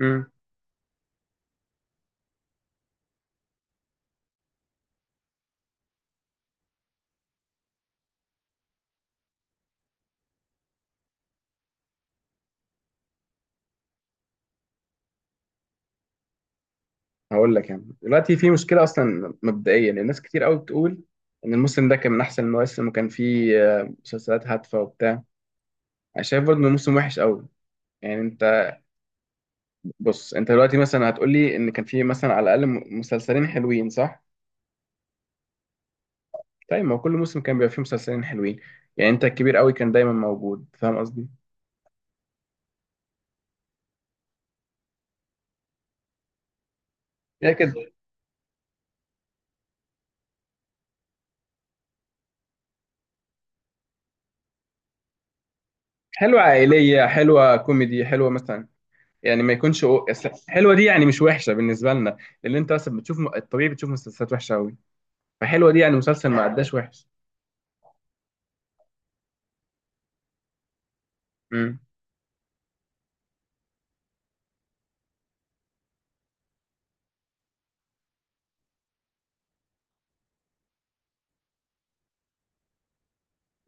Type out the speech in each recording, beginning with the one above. امم هقول لك يعني دلوقتي في مشكله. اصلا مبدئيا الناس كتير قوي بتقول ان الموسم ده كان من احسن المواسم، وكان فيه مسلسلات هادفه وبتاع. انا شايف برضه انه موسم وحش قوي. يعني انت بص، انت دلوقتي مثلا هتقول لي ان كان فيه مثلا على الاقل مسلسلين حلوين، صح؟ طيب ما هو كل موسم كان بيبقى فيه مسلسلين حلوين. يعني انت الكبير قوي كان دايما موجود، فاهم قصدي؟ لكن حلوه عائليه، حلوه كوميدي، حلوه مثلا. يعني ما يكونش حلوه دي يعني مش وحشه بالنسبه لنا. لان انت مثلا بتشوف الطبيعي، بتشوف مسلسلات وحشه قوي، فحلوه دي يعني مسلسل ما عداش وحش. امم.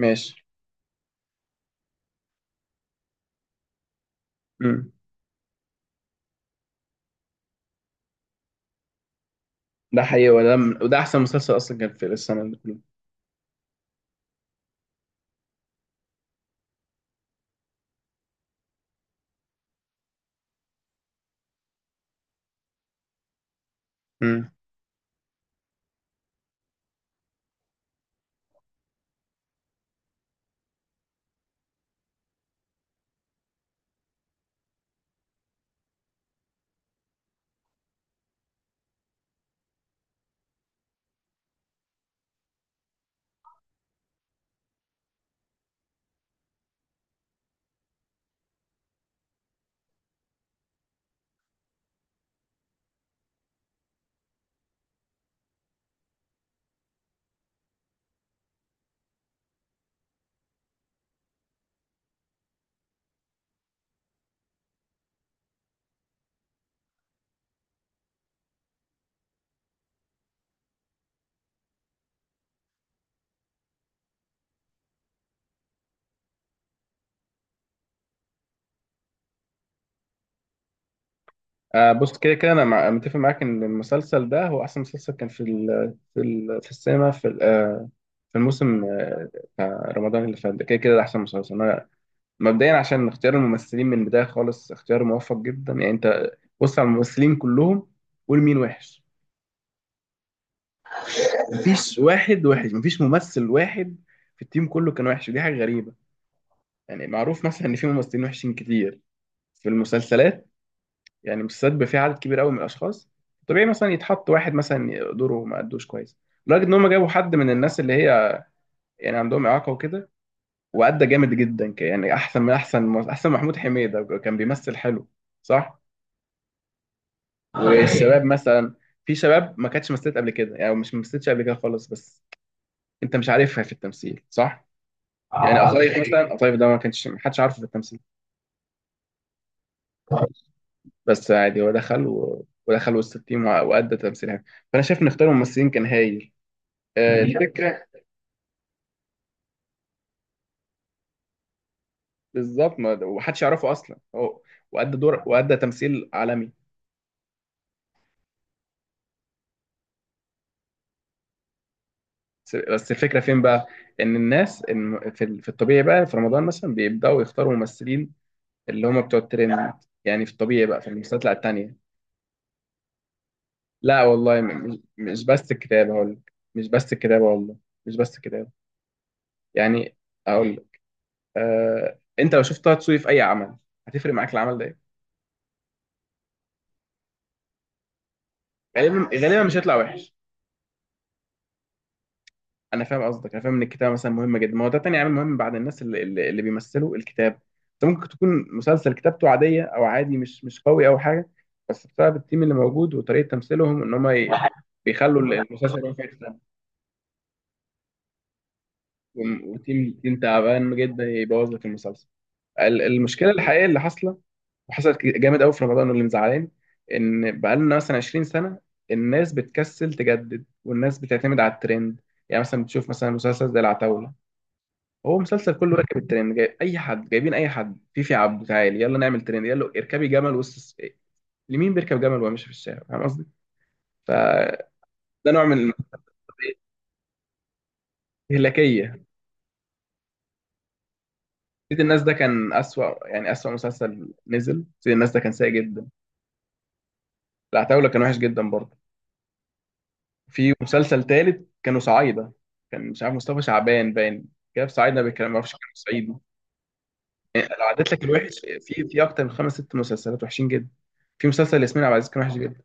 ماشي. امم. ده حقيقي، وده احسن مسلسل اصلا كان في السنه اللي كلها. امم. آه، بص كده كده انا متفق معاك ان المسلسل ده هو احسن مسلسل كان في ال... في ال... في السينما في ال... آه في الموسم، بتاع رمضان اللي فات ده. كده كده ده احسن مسلسل. انا مبدئيا عشان اختيار الممثلين من البدايه خالص اختيار موفق جدا. يعني انت بص على الممثلين كلهم، قول مين وحش. مفيش واحد وحش، مفيش ممثل واحد في التيم كله كان وحش، ودي حاجه غريبه. يعني معروف مثلا ان في ممثلين وحشين كتير في المسلسلات. يعني المسلسلات بيبقى فيها عدد كبير قوي من الاشخاص، طبيعي مثلا يتحط واحد مثلا دوره ما ادوش كويس. لدرجه ان هم جابوا حد من الناس اللي هي يعني عندهم اعاقه وكده، وادى جامد جدا. يعني احسن من احسن. محمود حميده كان بيمثل حلو، صح؟ والشباب مثلا، في شباب ما كانتش مثلت قبل كده. يعني مش مثلتش قبل كده خالص، بس انت مش عارفها في التمثيل، صح؟ يعني قطايف مثلا، قطايف ده ما كانش ما حدش عارفه في التمثيل. بس عادي، هو دخل ودخل وسط التيم، وأدى تمثيل حلو. فأنا شايف إن اختيار الممثلين كان هايل. مم. الفكرة بالظبط، ما ومحدش يعرفه أصلا هو، وأدى دور وأدى تمثيل عالمي. بس الفكرة فين بقى؟ إن الناس إن في ال- في الطبيعي بقى في رمضان مثلا بيبدأوا يختاروا ممثلين اللي هم بتوع الترند. يعني في الطبيعي بقى في المسلسلات، لا التانية. لا والله، مش بس الكتابة. هقول لك، مش بس الكتابة والله. مش بس الكتابة يعني. أقول لك، أنت لو شفت طه دسوقي في أي عمل، هتفرق معاك العمل ده إيه؟ غالبا غالبا مش هيطلع وحش. انا فاهم قصدك، انا فاهم ان الكتابه مثلا مهمه جدا، ما هو ده تاني عامل مهم بعد الناس اللي بيمثلوا الكتاب. انت ممكن تكون مسلسل كتابته عاديه او عادي، مش قوي او حاجه، بس بسبب التيم اللي موجود وطريقه تمثيلهم ان هم بيخلوا المسلسل ينفع يكسب. وتيم تعبان جدا يبوظ لك المسلسل. المشكله الحقيقيه اللي حاصله وحصلت جامد قوي في رمضان واللي مزعلاني، ان بقالنا مثلا 20 سنه الناس بتكسل تجدد والناس بتعتمد على الترند. يعني مثلا بتشوف مثلا مسلسل زي العتاولة، هو مسلسل كله راكب الترند، جايب اي حد، جايبين اي حد. فيفي عبده تعالي، يلا نعمل ترند، يلا اركبي جمل وسط الس- لمين بيركب جمل وهو ماشي في الشارع، فاهم قصدي؟ فده نوع من الاستهلاكيه. سيد الناس ده كان اسوأ، يعني اسوأ مسلسل نزل. سيد الناس ده كان سيء جدا. العتاوله كان وحش جدا برضه. في مسلسل تالت كانوا صعايده، كان مش عارف مصطفى شعبان باين، جاب صعايده بيتكلم ما اعرفش كانوا صعيدي. يعني لو عدت لك الوحش في في اكتر من خمس ست مسلسلات وحشين جدا. في مسلسل ياسمين عبد العزيز كان وحش.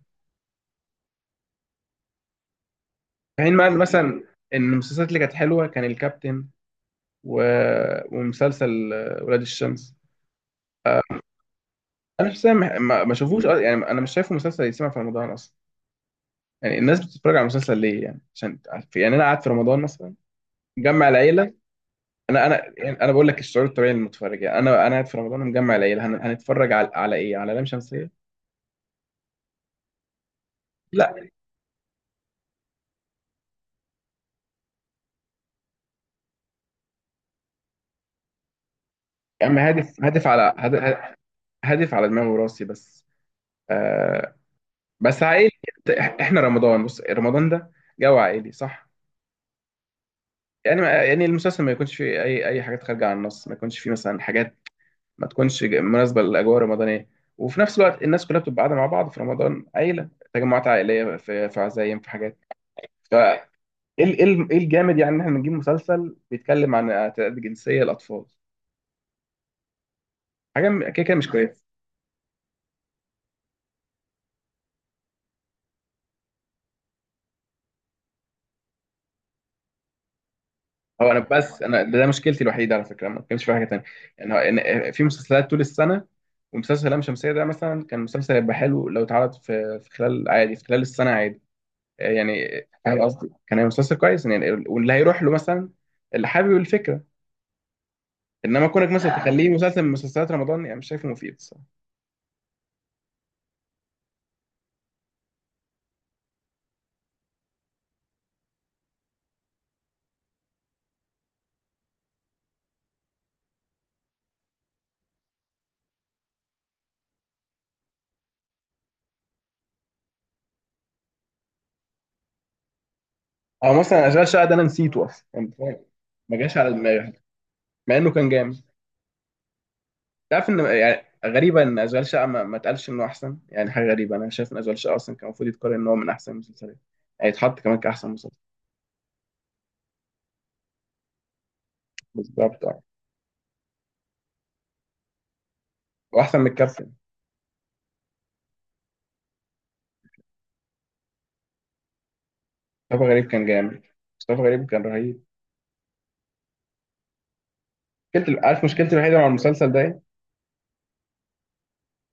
في حين بقى إن مثلا ان المسلسلات اللي كانت حلوه كان الكابتن، و... ومسلسل ولاد الشمس. انا شخصيا ما شافوش يعني انا مش شايفه مسلسل يتسمع في رمضان اصلا. يعني الناس بتتفرج على المسلسل ليه؟ يعني عشان، يعني انا قاعد في رمضان مثلا مجمع العيله. انا بقول لك الشعور الطبيعي للمتفرج. يعني انا قاعد في رمضان مجمع العيله، هنتفرج على ايه؟ على لام شمسيه؟ لا. يا عم، هادف على دماغي وراسي بس. آه بس عائلي. احنا رمضان، بص رمضان ده جو عائلي، صح؟ يعني ما يعني المسلسل ما يكونش فيه اي حاجات خارجه عن النص، ما يكونش فيه مثلا حاجات ما تكونش مناسبه للاجواء الرمضانيه. وفي نفس الوقت الناس كلها بتبقى قاعده مع بعض في رمضان، عيله، تجمعات عائليه، في عزايم، في حاجات. ف ايه إيه الجامد؟ يعني ان احنا نجيب مسلسل بيتكلم عن اعتداءات جنسيه الاطفال؟ كده كده مش كويسه. هو انا ده مشكلتي الوحيده على فكره، ما كانش في حاجه تانيه. يعني هو في مسلسلات طول السنه، ومسلسل لام شمسيه ده مثلا كان مسلسل هيبقى حلو لو اتعرض في خلال عادي، في خلال السنه عادي. يعني فاهم قصدي؟ كان هيبقى مسلسل كويس، يعني واللي هيروح له مثلا، اللي حابب الفكره. انما كونك مثلا تخليه مسلسل من مسلسلات رمضان، يعني مش شايفه مفيد الصراحه. او مثلا اشغال شقه ده انا نسيته اصلا، يعني فاهم؟ ما جاش على دماغي مع انه كان جامد. تعرف ان يعني غريبه ان اشغال شقه ما اتقالش انه احسن. يعني حاجه غريبه، انا شايف ان اشغال شقه اصلا كان المفروض يتقال ان هو من احسن المسلسلات. يعني يتحط كمان كاحسن مسلسل. بالظبط. آه. واحسن من الكابتن. مصطفى غريب كان جامد. مصطفى غريب كان رهيب. مشكلتي، عارف مشكلتي الوحيده مع المسلسل ده إيه؟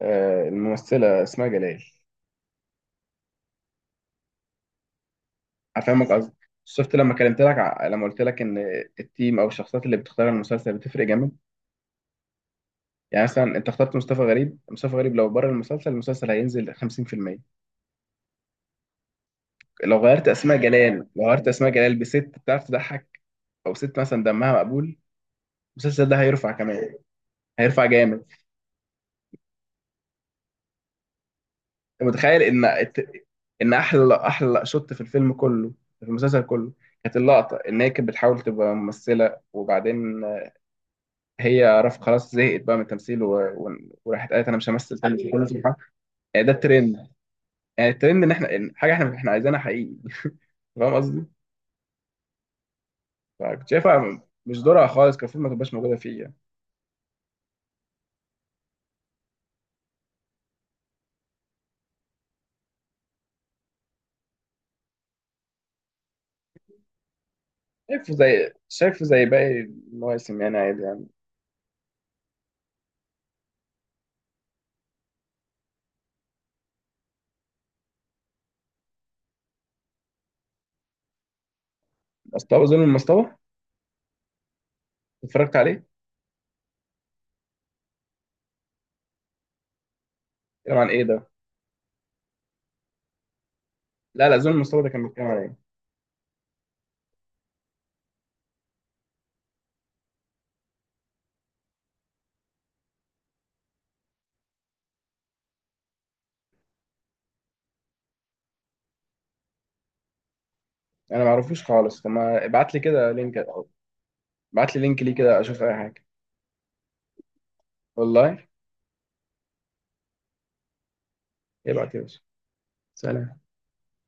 آه، الممثلة اسمها جلال. هفهمك قصدي. شفت لما كلمت لك لما قلت لك ان التيم او الشخصيات اللي بتختار المسلسل بتفرق جامد. يعني مثلا انت اخترت مصطفى غريب. مصطفى غريب لو بره المسلسل، المسلسل هينزل 50%. لو غيرت اسماء جلال، لو غيرت اسماء جلال بست بتعرف تضحك، او ست مثلا دمها مقبول، المسلسل ده هيرفع كمان، هيرفع جامد. انت متخيل ان احلى شوت في المسلسل كله، كانت اللقطة إن هي كانت بتحاول تبقى ممثلة، وبعدين هي رف خلاص زهقت بقى من التمثيل وراحت قالت انا مش همثل تاني في كل سبحان. يعني ده الترند. يعني الترند ان احنا إن حاجه احنا عايزينها حقيقي. فاهم قصدي؟ فكنت شايفها مش دورها خالص، كان المفروض ما تبقاش موجوده فيه يعني. شايفه زي باقي المواسم يعني، عادي يعني. مستوى ظلم المستوى. اتفرجت عليه؟ بيتكلم عن ايه ده؟ لا لا، ظلم المستوى ده كان بيتكلم عن ايه؟ انا ما اعرفوش خالص. طب ما ابعت لي كده لينك. ابعت لي لينك ليه كده، اشوف اي حاجه. والله. ابعت يا باشا. سلام.